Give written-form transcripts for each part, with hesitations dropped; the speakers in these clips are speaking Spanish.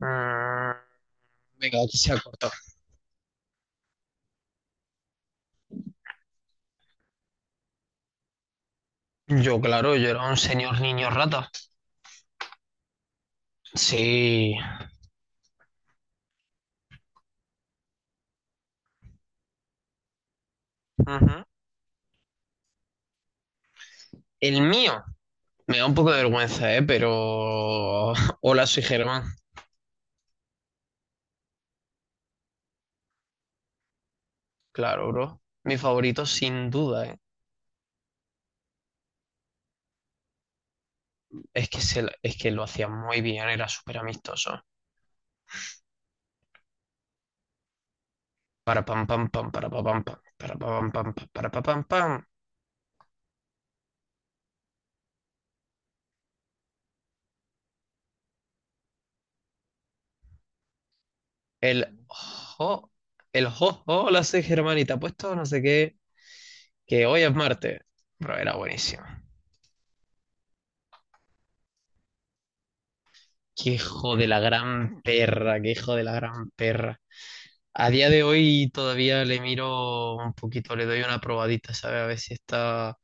Mm, venga, aquí se ha cortado. Yo, claro, yo era un señor niño rata. Sí. Ujú. El mío. Me da un poco de vergüenza, ¿eh? Pero... Hola, soy Germán. Claro, bro. Mi favorito, sin duda, ¿eh? Es que lo hacía muy bien, era súper amistoso. Para pam pam pam, para pa pam pam, para pa pam pam, para pa pam pam. El jo, el jo, hola, soy Germán y te apuesto no sé qué, que hoy es martes. Bro, era buenísimo. Qué hijo de la gran perra, qué hijo de la gran perra. A día de hoy todavía le miro un poquito, le doy una probadita, ¿sabes? A ver si está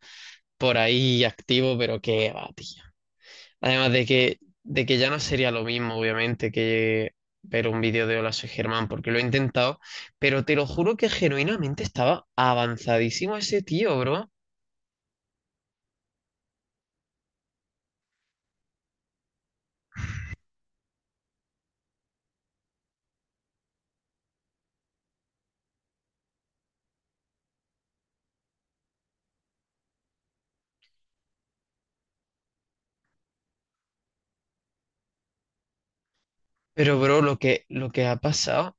por ahí activo, pero qué va, tío. Además de que, de que ya no sería lo mismo, obviamente, que ver un vídeo de Hola, soy Germán, porque lo he intentado, pero te lo juro que genuinamente estaba avanzadísimo ese tío, bro. Pero, bro, lo que ha pasado,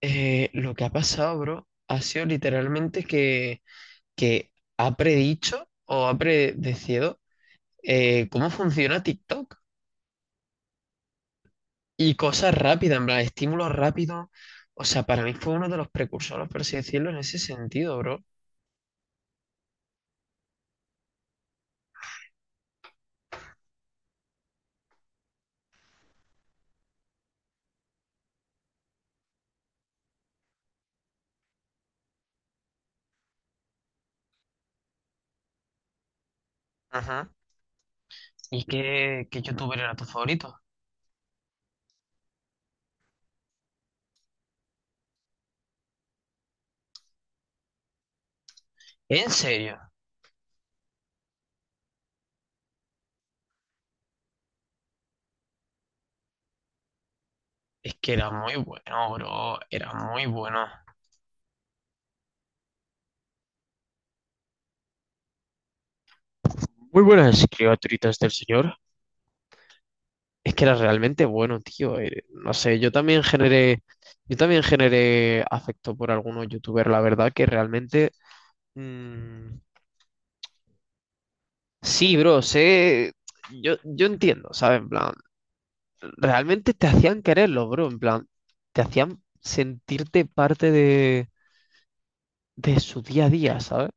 lo que ha pasado, bro, ha sido literalmente que que ha predicho o ha predecido, cómo funciona TikTok y cosas rápidas, en plan, estímulos rápidos. O sea, para mí fue uno de los precursores, por así decirlo, en ese sentido, bro. Ajá. ¿Y qué youtuber era tu favorito? ¿En serio? Es que era muy bueno, bro. Era muy bueno. Muy buenas criaturitas del señor. Es que era realmente bueno, tío. No sé, yo también generé afecto por algunos youtubers, la verdad que realmente... mm, Sí, bro, sé, yo entiendo, ¿sabes? En plan, realmente te hacían quererlo, bro, en plan, te hacían sentirte parte de su día a día, ¿sabes?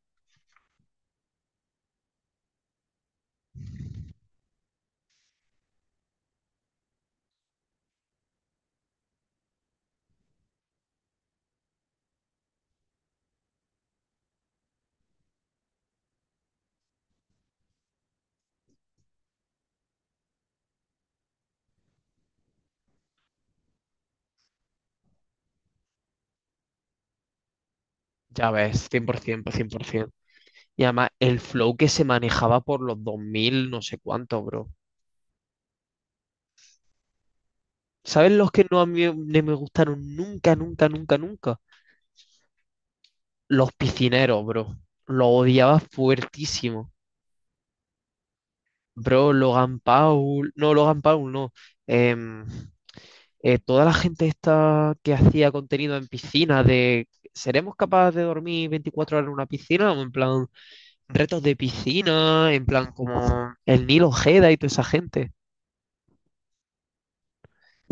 Ya ves, cien cien, por ciento, cien por 100%. Y además, el flow que se manejaba por los 2000 no sé cuánto, bro. ¿Sabes los que no a mí no me gustaron nunca, nunca, nunca, nunca? Los piscineros, bro. Los odiaba fuertísimo. Bro, Logan Paul, no. em, Toda la gente esta que hacía contenido en piscina de ¿seremos capaces de dormir 24 horas en una piscina? O en plan retos de piscina, en plan como el Nilo Ojeda y toda esa gente.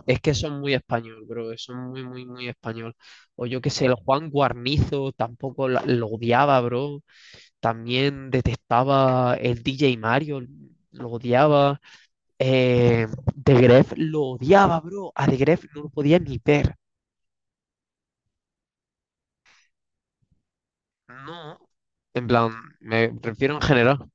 Es que son muy español, bro, son muy, muy, muy español. O yo qué sé, el Juan Guarnizo tampoco la- lo odiaba, bro. También detestaba el DJ Mario, lo odiaba. Eh, The Gref lo odiaba, bro. A The Gref no lo podía ni ver. No. En plan, me refiero en general.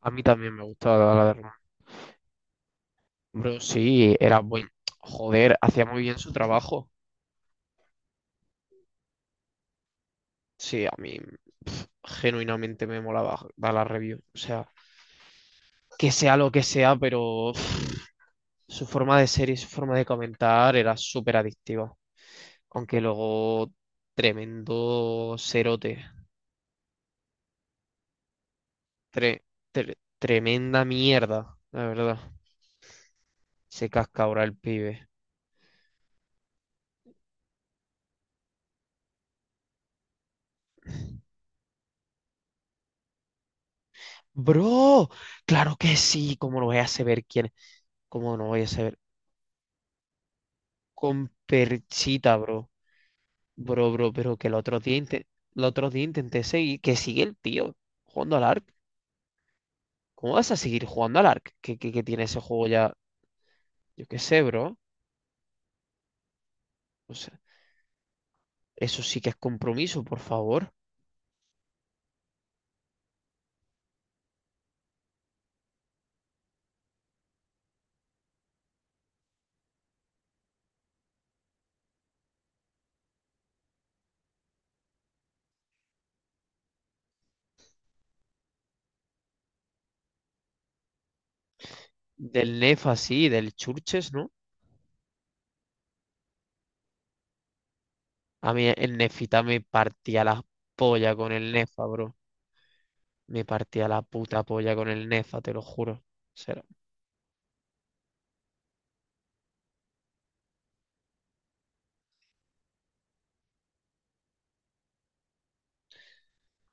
A mí también me gusta la de Roma. Bro, sí, era buen. Joder, hacía muy bien su trabajo. Sí, a mí, pf, genuinamente me molaba dar la review. O sea, que sea lo que sea, pero, pf, su forma de ser y su forma de comentar era súper adictiva. Aunque luego, tremendo cerote. Tre- Tremenda mierda, la verdad. Se casca ahora el pibe. Bro, claro que sí, ¿cómo lo voy a saber quién? Como no voy a saber. Con Perchita, bro. Bro, pero que el otro día, el otro día intenté seguir. Que sigue el tío jugando al Ark. ¿Cómo vas a seguir jugando al Ark? Que tiene ese juego ya. Yo qué sé, bro. O sea, eso sí que es compromiso, por favor. Del Nef así, del Churches, ¿no? A mí el Nefita me partía la polla con el Nefa, bro. Me partía la puta polla con el Nefa, te lo juro. Sea,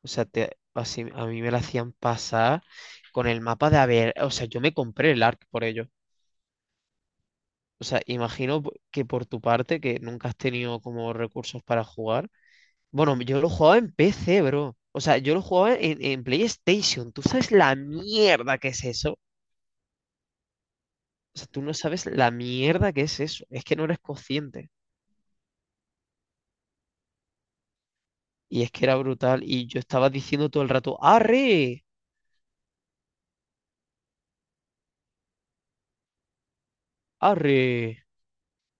O sea, así, a mí me la hacían pasar con el mapa de haber, o sea, yo me compré el ARC por ello. O sea, imagino que por tu parte, que nunca has tenido como recursos para jugar. Bueno, yo lo jugaba en PC, bro. O sea, yo lo jugaba en PlayStation. ¿Tú sabes la mierda que es eso? O sea, tú no sabes la mierda que es eso. Es que no eres consciente. Y es que era brutal. Y yo estaba diciendo todo el rato, ¡Arre! ¡Arre!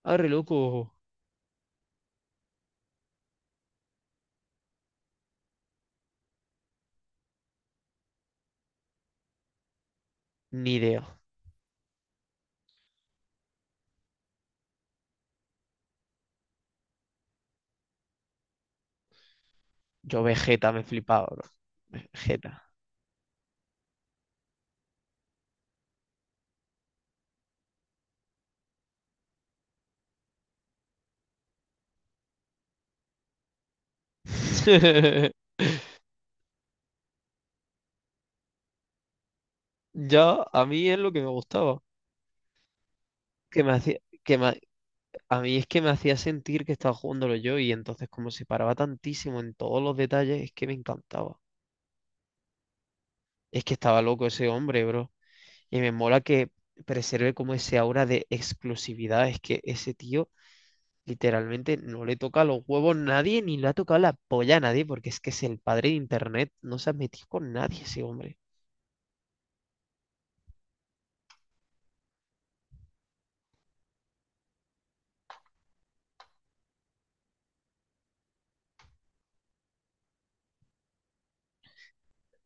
¡Arre, loco! Ni idea. Yo Vegeta me flipaba, bro. Jeta. Ya, a mí es lo que me gustaba. Que me hacía, que me A mí es que me hacía sentir que estaba jugándolo yo y entonces como se paraba tantísimo en todos los detalles, es que me encantaba. Es que estaba loco ese hombre, bro. Y me mola que preserve como ese aura de exclusividad. Es que ese tío literalmente no le toca los huevos a nadie ni le ha tocado la polla a nadie porque es que es el padre de internet. No se ha metido con nadie ese hombre.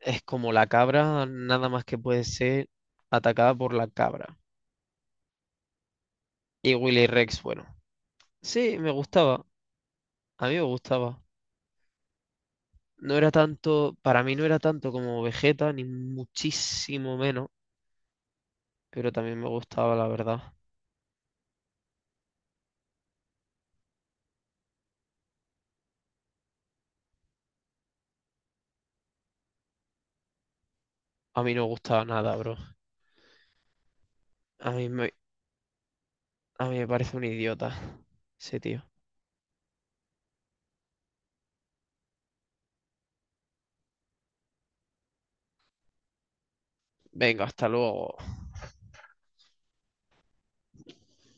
Es como la cabra, nada más que puede ser atacada por la cabra. Y Willy Rex, bueno, sí, me gustaba, a mí me gustaba. No era tanto, para mí no era tanto como Vegeta, ni muchísimo menos, pero también me gustaba, la verdad. A mí no me gustaba nada, bro. A mí me, a mí me parece un idiota ese tío. Venga, hasta luego.